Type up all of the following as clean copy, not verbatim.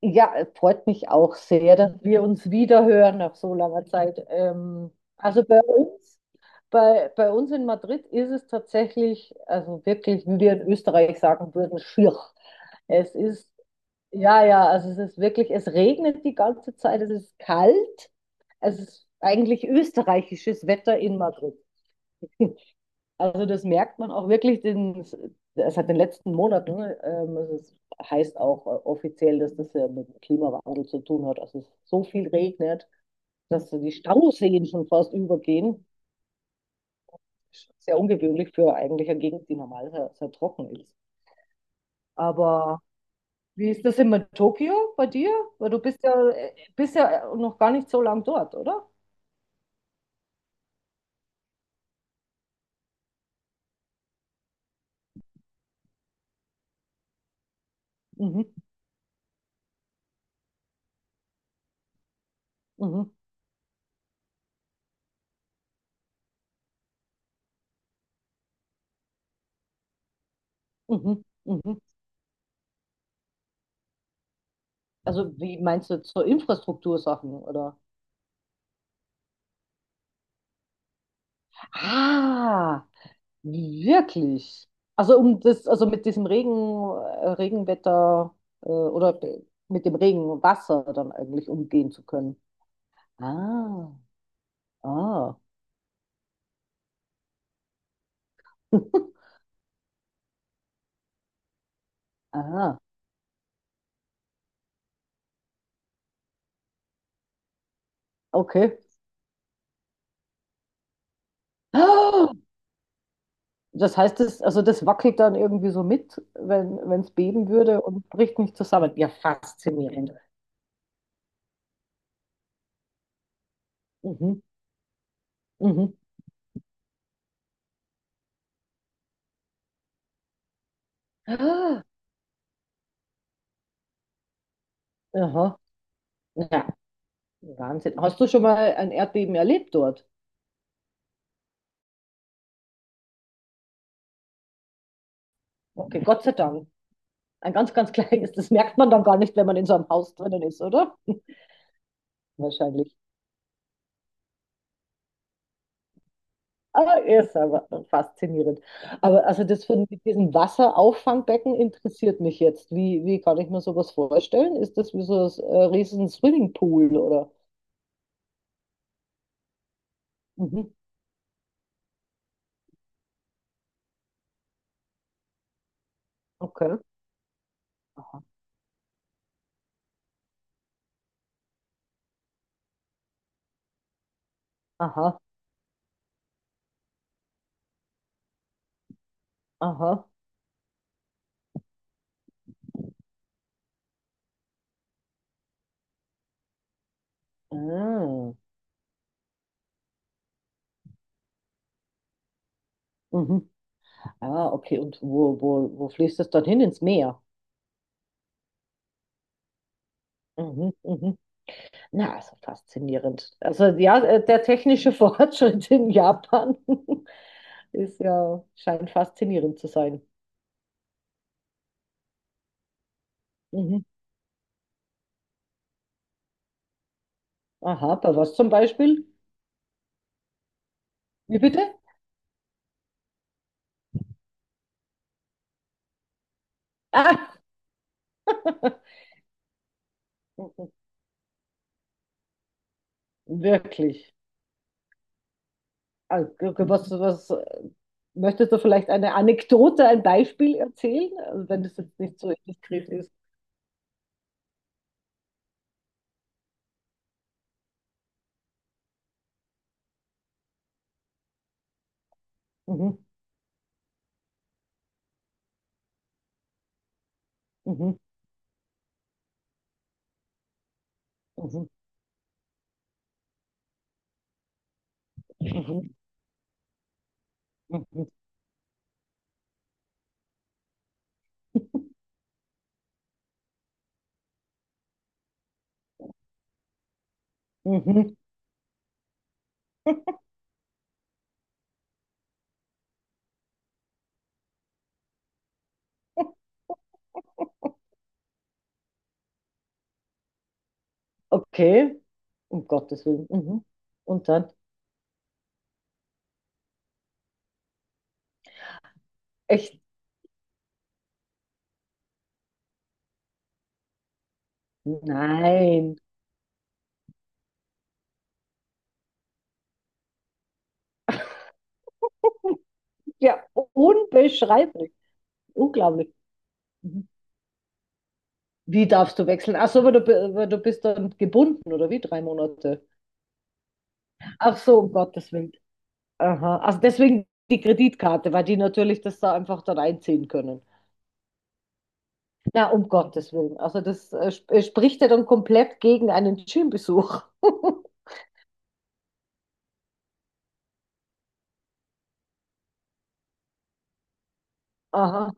Ja, freut mich auch sehr, dass wir uns wiederhören nach so langer Zeit. Also bei uns, bei uns in Madrid ist es tatsächlich, also wirklich, wie wir in Österreich sagen würden, schier. Es ist, ja, also es ist wirklich, es regnet die ganze Zeit, es ist kalt. Es ist eigentlich österreichisches Wetter in Madrid. Also das merkt man auch wirklich, den, es hat in den letzten Monaten, es ist, heißt auch offiziell, dass das ja mit dem Klimawandel zu tun hat, also es so viel regnet, dass so die Stauseen schon fast übergehen. Sehr ungewöhnlich für eigentlich eine Gegend, die normal sehr, sehr trocken ist. Aber wie ist das in Tokio bei dir? Weil du bist ja noch gar nicht so lang dort, oder? Mhm, mhm, mhm, mhm. Also wie meinst du, zur Infrastruktursachen, oder? Ah, wirklich? Also um das, also mit diesem Regen, Regenwetter oder mit dem Regenwasser dann eigentlich umgehen zu können. Ah, ah, ah, okay. Ah, das heißt, das, also das wackelt dann irgendwie so mit, wenn wenn es beben würde und bricht nicht zusammen. Ja, faszinierend. Mhm, mhm. Ah, aha. Ja, Wahnsinn. Hast du schon mal ein Erdbeben erlebt dort? Okay, Gott sei Dank. Ein ganz, ganz kleines, das merkt man dann gar nicht, wenn man in so einem Haus drinnen ist, oder? Wahrscheinlich. Aber er ist aber faszinierend. Aber also das von, mit diesem Wasserauffangbecken interessiert mich jetzt. Wie kann ich mir sowas vorstellen? Ist das wie so ein riesen Swimmingpool oder? Mhm. Okay. Aha. Aha. Aha. Ah. Mhm. Ah, okay. Und wo fließt das dann hin? Ins Meer? Mhm, mhm. Na, also faszinierend. Also ja, der technische Fortschritt in Japan. Ist ja, scheint faszinierend zu sein. Mhm. Aha, bei was zum Beispiel? Wie bitte? Ah, wirklich. Also, Was, was, möchtest du vielleicht eine Anekdote, ein Beispiel erzählen? Also, wenn das jetzt nicht so indiskret ist. Mhm, mhm, mhm, mhm, mhm, mhm. Okay, um Gottes Willen. Mhm. Und dann? Echt? Nein. Ja, unbeschreiblich. Unglaublich. Mhm. Wie darfst du wechseln? Ach so, aber du, aber du bist dann gebunden, oder wie? Drei Monate. Ach so, um Gottes Willen. Aha. Also deswegen die Kreditkarte, weil die natürlich das da einfach dann einziehen können. Na, um Gottes Willen. Also das sp spricht ja dann komplett gegen einen Gymbesuch. Aha,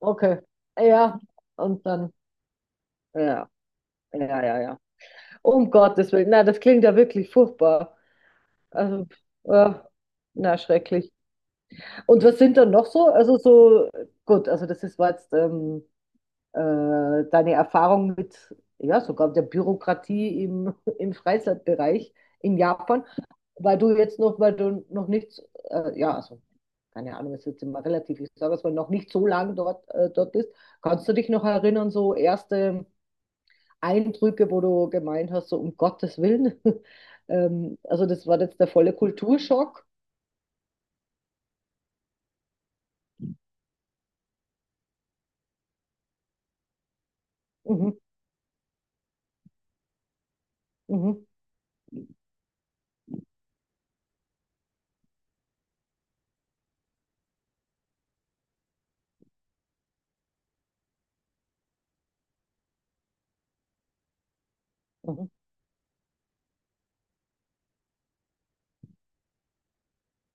okay. Ja, und dann, ja, ja, ja, ja. Um Gottes Willen. Na, das klingt ja wirklich furchtbar. Also, äh, na, schrecklich. Und was sind dann noch so? Also so, gut, also das ist war jetzt deine Erfahrung mit, ja, sogar der Bürokratie im, im Freizeitbereich in Japan, weil du jetzt noch, weil du noch nicht, ja, also keine Ahnung, ist jetzt immer relativ, ich sage es mal, noch nicht so lang dort, dort bist. Kannst du dich noch erinnern, so erste Eindrücke, wo du gemeint hast, so um Gottes Willen? Also das war jetzt der volle Kulturschock. Mhm, mhm, mhm,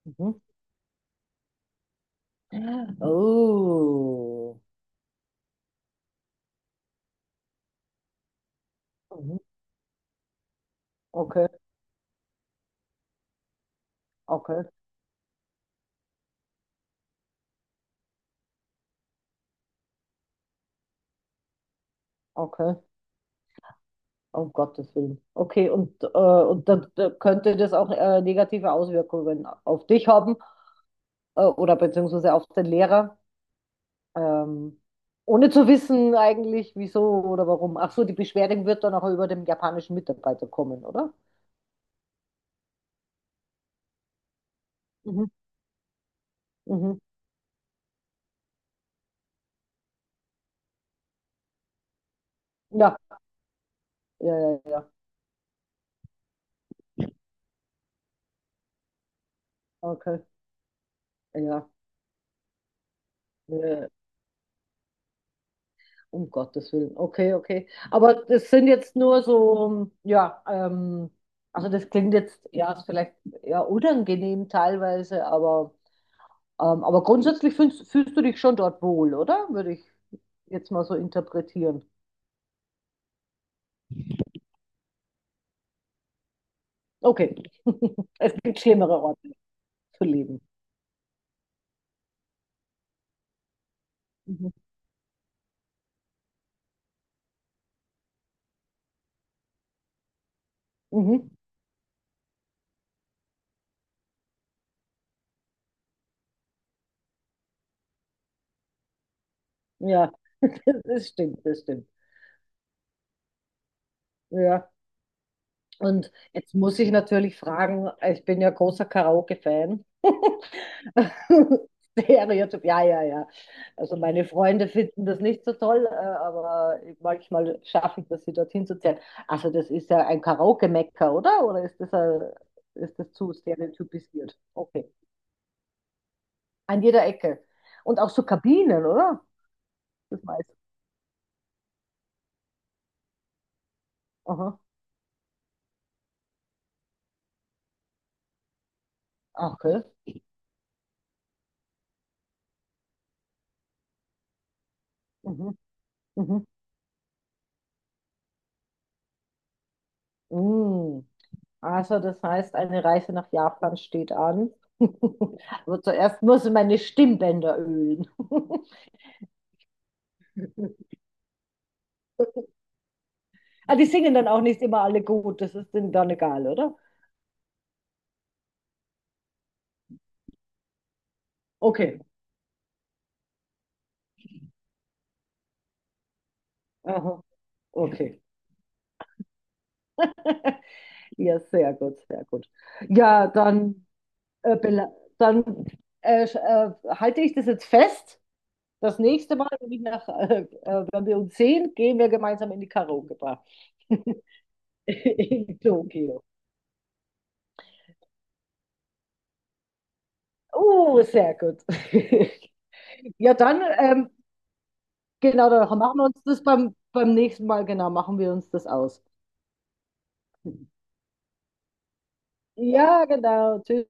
mhm. Oh. Mhm. Okay, okay, okay. Um Gottes Willen. Okay, und dann könnte das auch negative Auswirkungen auf dich haben oder beziehungsweise auf den Lehrer, ähm, ohne zu wissen eigentlich, wieso oder warum. Ach so, die Beschwerde wird dann auch über den japanischen Mitarbeiter kommen, oder? Mhm. Mhm. Ja, ja, ja, ja. Okay, ja. Äh, um Gottes Willen. Okay, okay. Aber das sind jetzt nur so, ja, also das klingt jetzt, ja, ist vielleicht ja unangenehm teilweise, aber. Aber grundsätzlich fühlst du dich schon dort wohl, oder? Würde ich jetzt mal so interpretieren. Okay. Es gibt schlimmere Orte zu leben. Mhm. Mhm. Ja, das stimmt, das stimmt. Ja. Und jetzt muss ich natürlich fragen, ich bin ja großer Karaoke-Fan. Stereotyp, ja, ja, ja. Also meine Freunde finden das nicht so toll, aber manchmal schaffe ich das, sie dorthin zu zerren. Also das ist ja ein Karaoke-Mecker, oder? Oder ist das, ein, ist das zu stereotypisiert? Okay. An jeder Ecke. Und auch so Kabinen, oder? Das meiste. Aha. Ah, okay. Mhm. Mhm. Mm. Also das heißt, eine Reise nach Japan steht an. Aber zuerst muss ich meine Stimmbänder ölen. Ah, die singen dann auch nicht immer alle gut, das ist denen dann egal, oder? Okay, aha, okay. Ja, sehr gut, sehr gut. Ja, dann, äh, bela- dann halte ich das jetzt fest. Das nächste Mal, wenn, ich nach, wenn wir uns sehen, gehen wir gemeinsam in die Karaoke-Bar in Tokio. Oh, sehr gut. Ja, dann, genau, dann machen wir uns das beim nächsten Mal, genau, machen wir uns das aus. Ja, genau, tschüss.